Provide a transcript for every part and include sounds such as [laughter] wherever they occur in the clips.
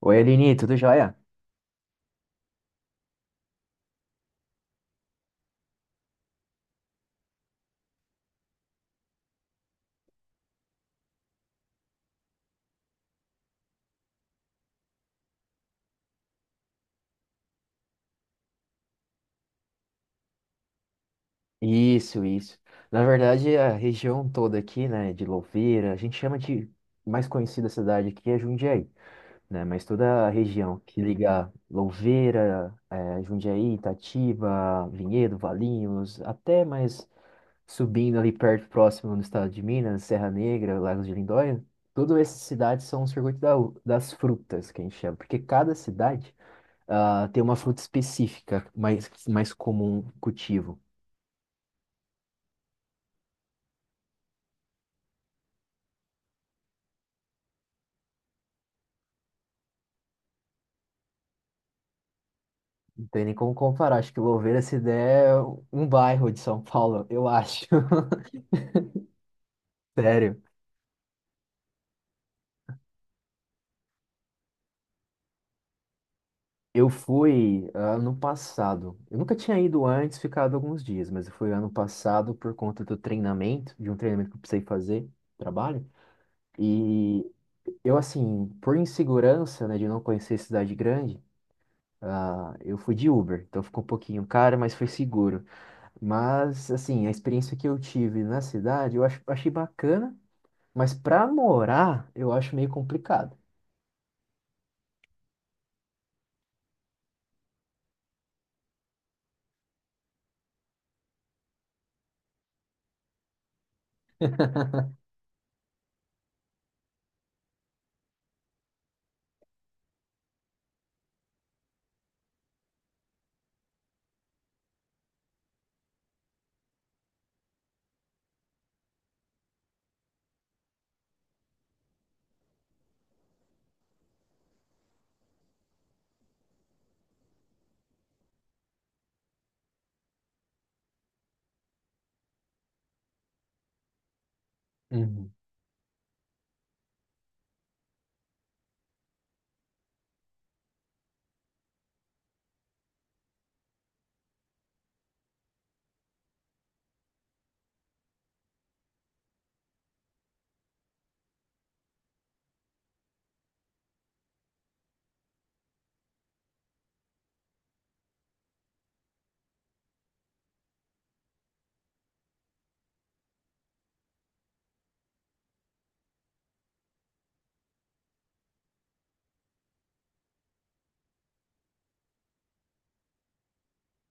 Oi, Aline, tudo jóia? Isso, isso. Na verdade, a região toda aqui, né, de Louveira, a gente chama de mais conhecida cidade aqui é Jundiaí, né? Mas toda a região que liga Louveira, Jundiaí, Itatiba, Vinhedo, Valinhos, até mais subindo ali perto, próximo no estado de Minas, Serra Negra, Lagos de Lindóia, todas essas cidades são o circuito das frutas, que a gente chama, porque cada cidade tem uma fruta específica mais comum cultivo. Não tem nem como comparar. Acho que Louveira, se der, é um bairro de São Paulo, eu acho. [laughs] Sério. Eu fui ano passado. Eu nunca tinha ido antes, ficado alguns dias, mas eu fui ano passado por conta do treinamento, de um treinamento que eu precisei fazer, trabalho. E eu, assim, por insegurança, né, de não conhecer cidade grande, eu fui de Uber. Então ficou um pouquinho caro, mas foi seguro. Mas, assim, a experiência que eu tive na cidade, eu achei bacana. Mas pra morar, eu acho meio complicado. Uhum.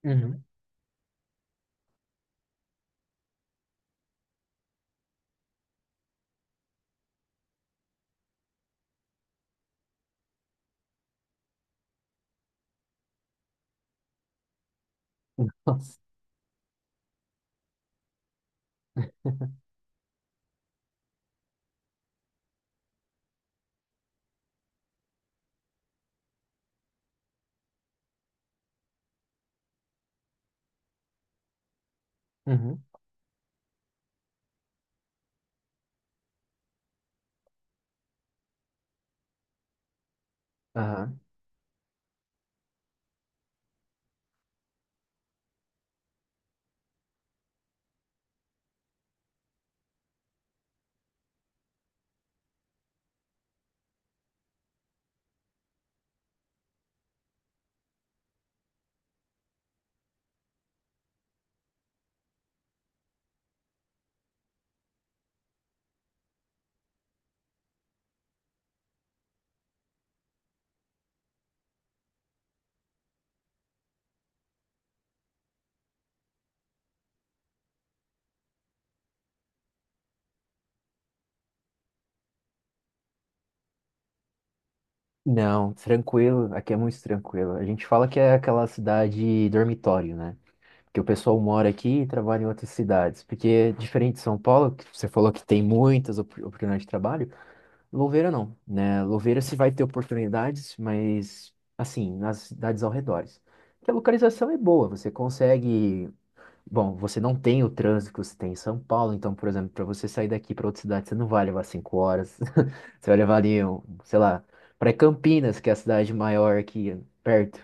Uhum. [laughs] Nossa. Uhum. Aham. Não, tranquilo. Aqui é muito tranquilo. A gente fala que é aquela cidade dormitório, né? Que o pessoal mora aqui e trabalha em outras cidades. Porque é diferente de São Paulo, que você falou que tem muitas oportunidades de trabalho, Louveira não, né? Louveira se vai ter oportunidades, mas, assim, nas cidades ao redor. Porque a localização é boa, você consegue. Bom, você não tem o trânsito que você tem em São Paulo, então, por exemplo, para você sair daqui para outra cidade, você não vai levar 5 horas. [laughs] Você vai levar ali, um, sei lá, para Campinas, que é a cidade maior aqui perto,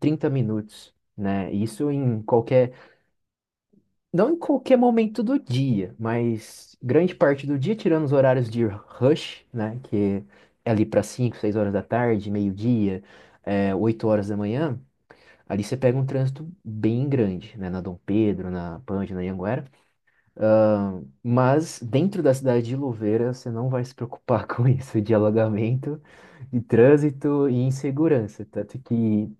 30 minutos, né? Isso em qualquer, não em qualquer momento do dia, mas grande parte do dia, tirando os horários de rush, né? Que é ali para 5 6 horas da tarde, meio-dia, 8 horas da manhã. Ali você pega um trânsito bem grande, né? Na Dom Pedro, na Pândio, na Anhanguera. Ah, mas dentro da cidade de Louveira, você não vai se preocupar [laughs] com isso, de alagamento, de trânsito e insegurança. Tanto que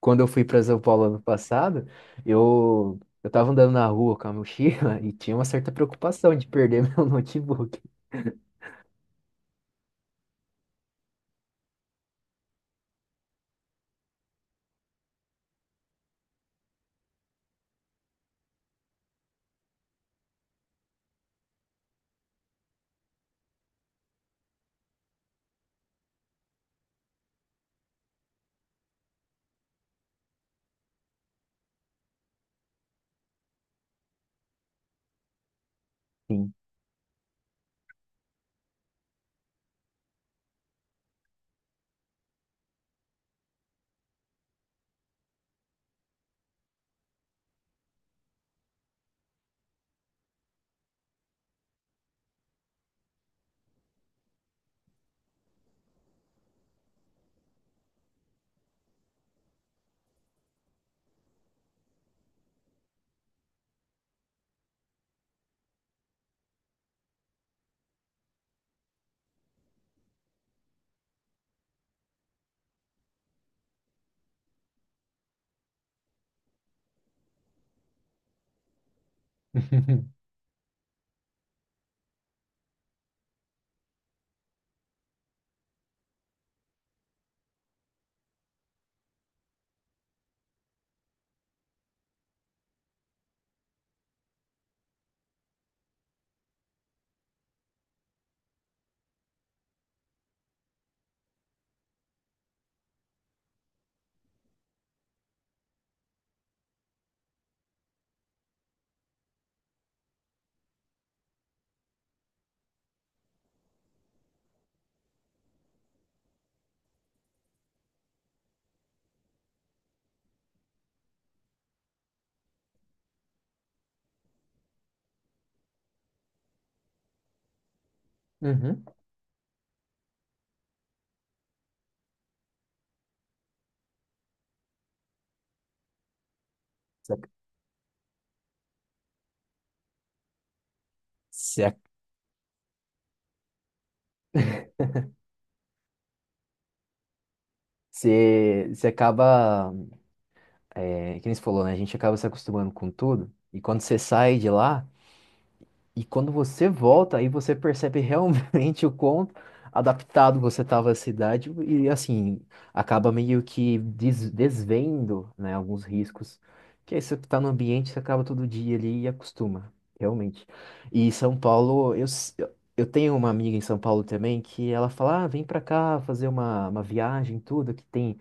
quando eu fui para São Paulo ano passado, eu estava andando na rua com a mochila [laughs] e tinha uma certa preocupação de perder [laughs] meu notebook. Sim. [laughs] Uhum. Você, você acaba, que nem você falou, né? A gente acaba se acostumando com tudo. E quando você sai de lá, e quando você volta, aí você percebe realmente [laughs] o quão adaptado você estava à cidade e, assim, acaba meio que desvendo, né, alguns riscos. Que aí você tá no ambiente, você acaba todo dia ali e acostuma, realmente. E São Paulo, eu tenho uma amiga em São Paulo também que ela fala: "Ah, vem pra cá fazer uma, viagem, tudo, que tem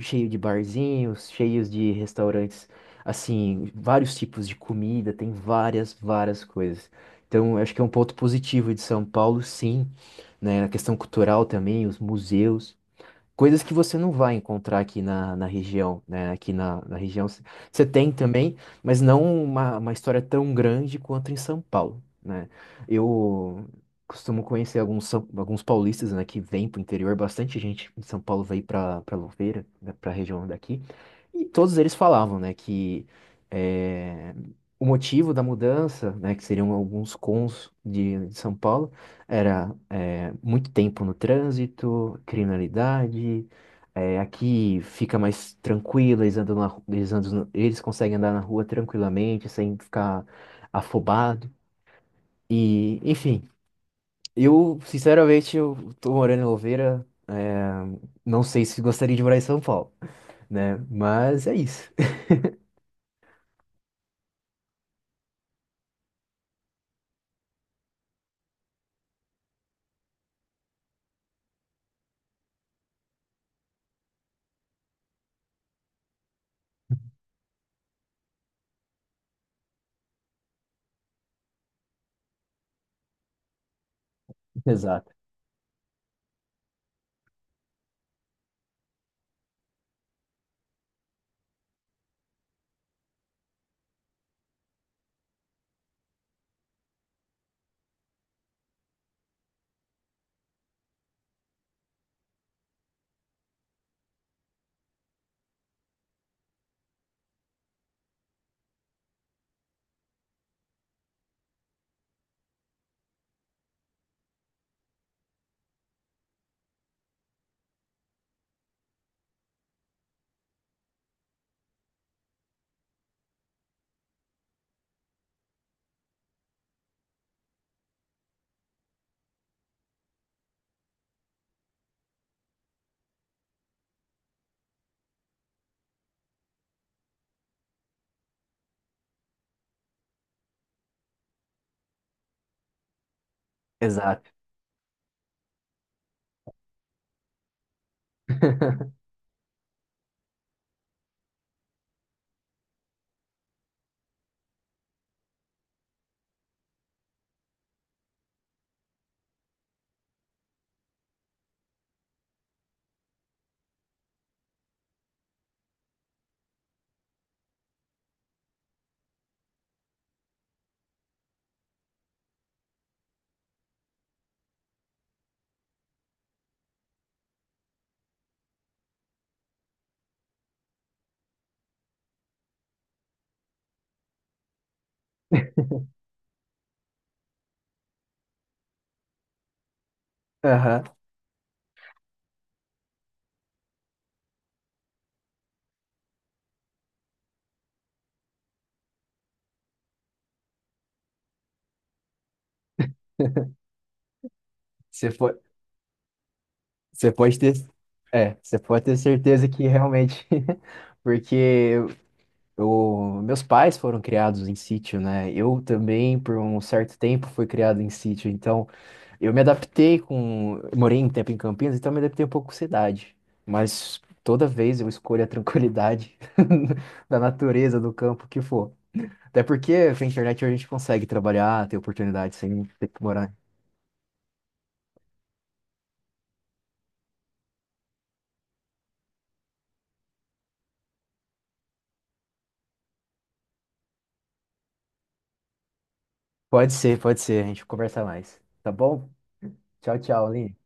cheio de barzinhos, cheios de restaurantes, assim, vários tipos de comida, tem várias, várias coisas. Então, eu acho que é um ponto positivo de São Paulo, sim, né? A questão cultural também, os museus, coisas que você não vai encontrar aqui na região, né? Aqui na região você tem também, mas não uma história tão grande quanto em São Paulo, né? Eu costumo conhecer alguns paulistas, né, que vêm para o interior, bastante gente em São Paulo veio para Louveira, para a região daqui, e todos eles falavam, né, que eh, o motivo da mudança, né, que seriam alguns cons de São Paulo, era muito tempo no trânsito, criminalidade. É, aqui fica mais tranquilo, eles andam na, ru- eles andam, na- eles conseguem andar na rua tranquilamente, sem ficar afobado. E, enfim, eu, sinceramente, eu tô morando em Louveira. Não sei se gostaria de morar em São Paulo, né? Mas é isso. [laughs] Exato, exato. [laughs] Aham. Você pode, você pode ter, você pode ter certeza que realmente, [laughs] porque eu, meus pais foram criados em sítio, né? Eu também, por um certo tempo, fui criado em sítio. Então, eu me adaptei com, eu morei um tempo em Campinas, então eu me adaptei um pouco com cidade. Mas toda vez eu escolho a tranquilidade [laughs] da natureza, do campo, que for. Até porque com a internet a gente consegue trabalhar, ter oportunidade sem ter que morar. Pode ser, pode ser. A gente conversa mais. Tá bom? Tchau, tchau, Aline.